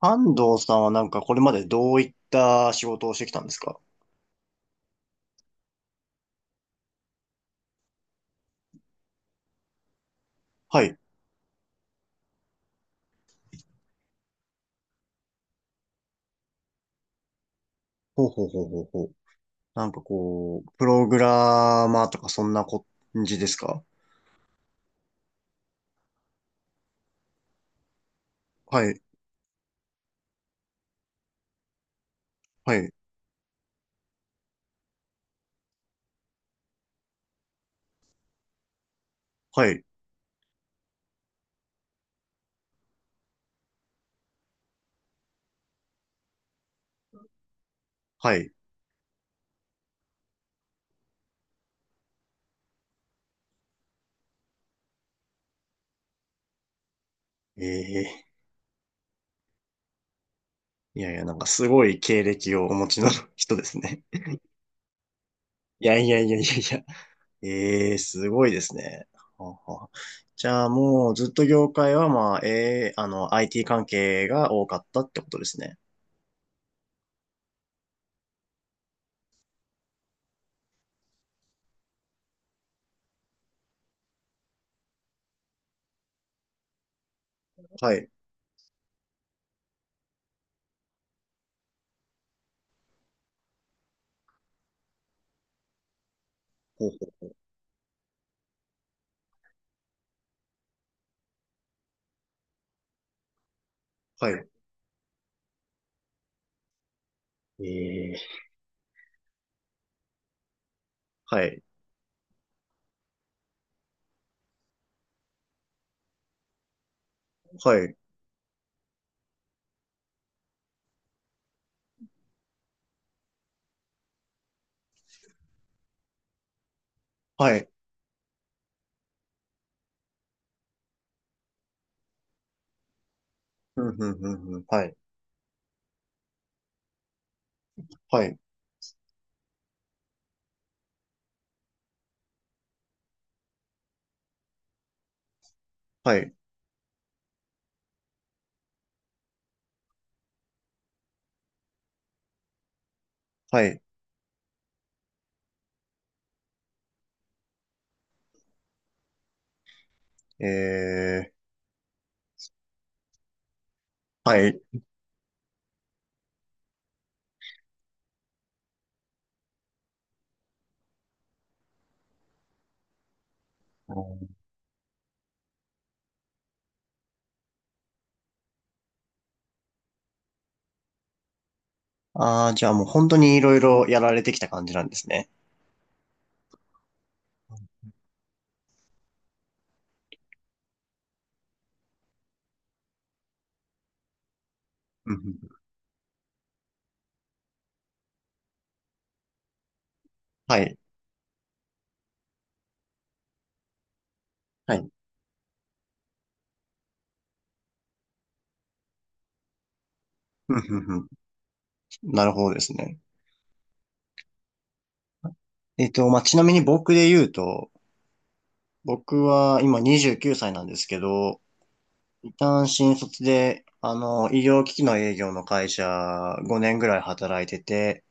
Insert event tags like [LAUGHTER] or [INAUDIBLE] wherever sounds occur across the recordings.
安藤さんはなんかこれまでどういった仕事をしてきたんですか？はい。ほうほうほうほうほう。なんかこう、プログラマーとかそんな感じですか？はい、はい、はい、はい。ええ、いやいや、なんかすごい経歴をお持ちの [LAUGHS] 人ですね。[LAUGHS] いやいやいやいやいや。ええ、すごいですね。はあはあ。じゃあもうずっと業界はまあ、ええIT 関係が多かったってことですね。はい。ほうほう。はい。ええ、はい。はい。はい。うん、うん、うん、うん。はい。はい。はい。はい。えー、はい。ああー、じゃあもう本当にいろいろやられてきた感じなんですね。うんうんうん。はい。はい。うんうんうん。なるほどですね。まあ、ちなみに僕で言うと、僕は今29歳なんですけど、一旦新卒で、医療機器の営業の会社5年ぐらい働いてて、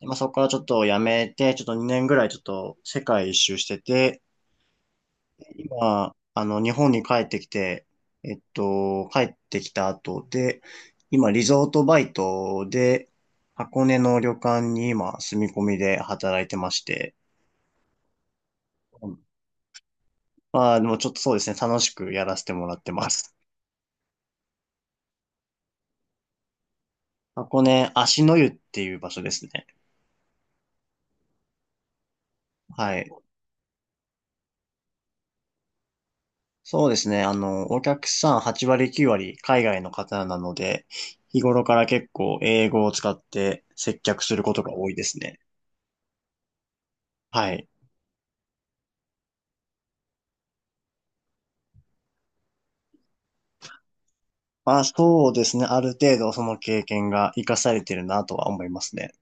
まあ、そこからちょっと辞めて、ちょっと2年ぐらいちょっと世界一周してて、今、日本に帰ってきて、帰ってきた後で、今、リゾートバイトで、箱根の旅館に今、住み込みで働いてまして、うん、まあ、でもちょっとそうですね、楽しくやらせてもらってます。箱根、芦の湯っていう場所ですね。はい。そうですね、お客さん8割9割海外の方なので、日頃から結構英語を使って接客することが多いですね。はい。まあそうですね。ある程度その経験が活かされてるなとは思いますね。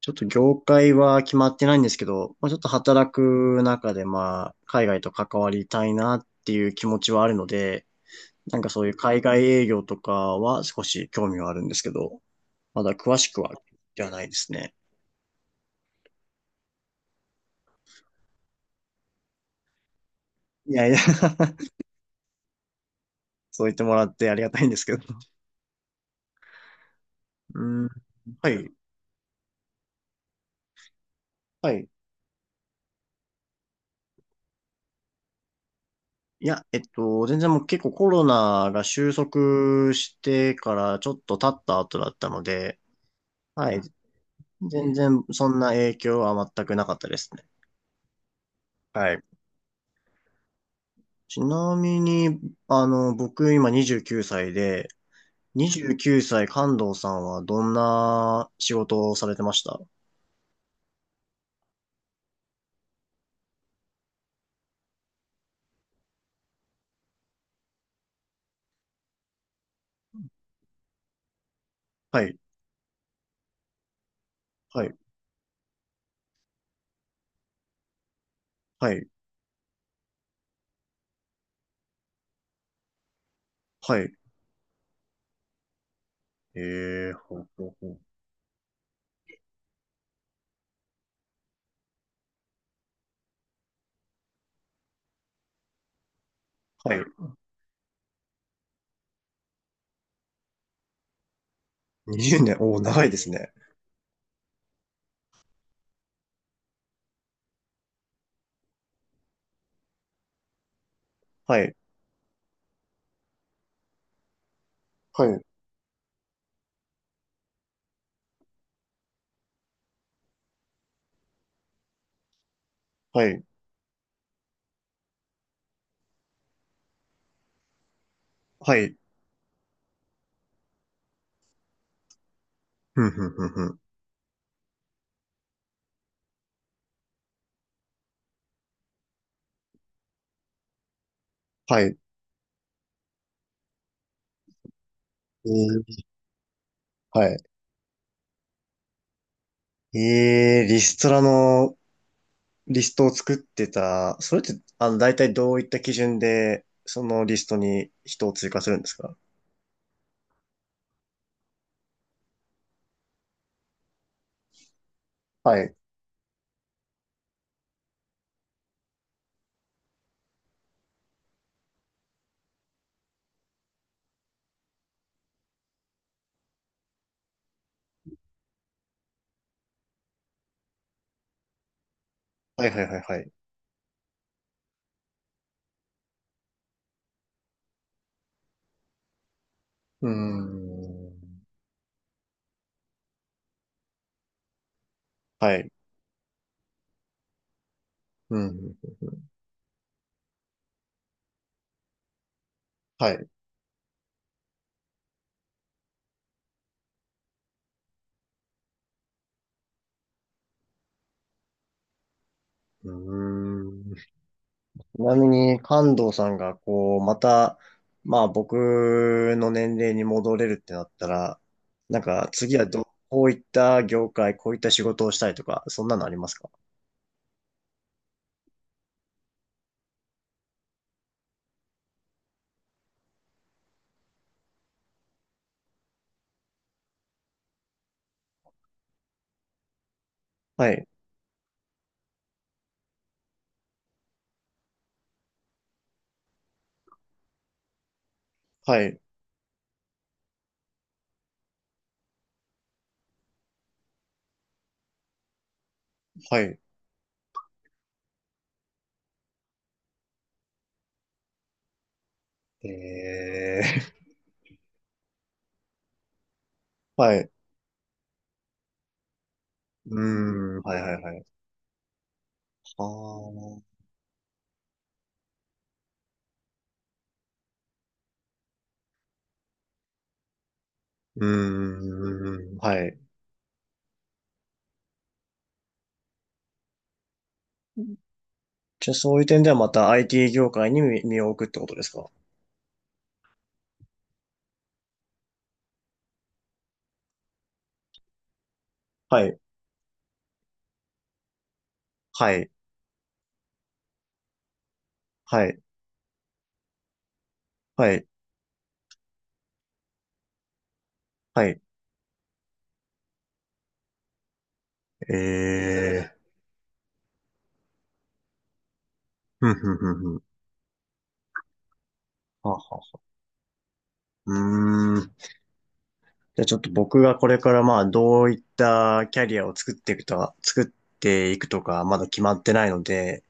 ちょっと業界は決まってないんですけど、まあ、ちょっと働く中でまあ海外と関わりたいなっていう気持ちはあるので、なんかそういう海外営業とかは少し興味はあるんですけど、まだ詳しくはではないですね。いやいや [LAUGHS] そう言ってもらってありがたいんですけど。うん。はい。はい。いや、全然もう結構コロナが収束してからちょっと経った後だったので、はい。全然そんな影響は全くなかったですね。はい。ちなみに、僕今29歳で、29歳関東さんはどんな仕事をされてました？はい、はい、はい、はい。えほうほうほう。はい。20年、おー、長いですね。はい、はい、はい、はい。ふんふんふんふん。はい。えー、はい。ええ、リストラのリストを作ってた、それって、大体どういった基準で、そのリストに人を追加するんですか？はい。はいはいはいはい。うーん。はい。うん。はい。うーん。ちなみに、関東さんが、こう、また、まあ、僕の年齢に戻れるってなったら、なんか、次はどう、こういった業界、こういった仕事をしたいとか、そんなのありますか？はい。はい。はい。ええ、はい。うーん、はいはいはい。ああ、うーん、はい。じゃあそういう点ではまた IT 業界に身を置くってことですか？はい、はい、はい、はい、はい。ええ、ふんふんふんふん。ははは。うーん。じゃあちょっと僕がこれからまあどういったキャリアを作っていくとか、作っていくとかまだ決まってないので、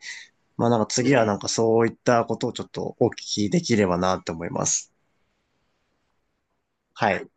まあなんか次はなんかそういったことをちょっとお聞きできればなって思います。はい。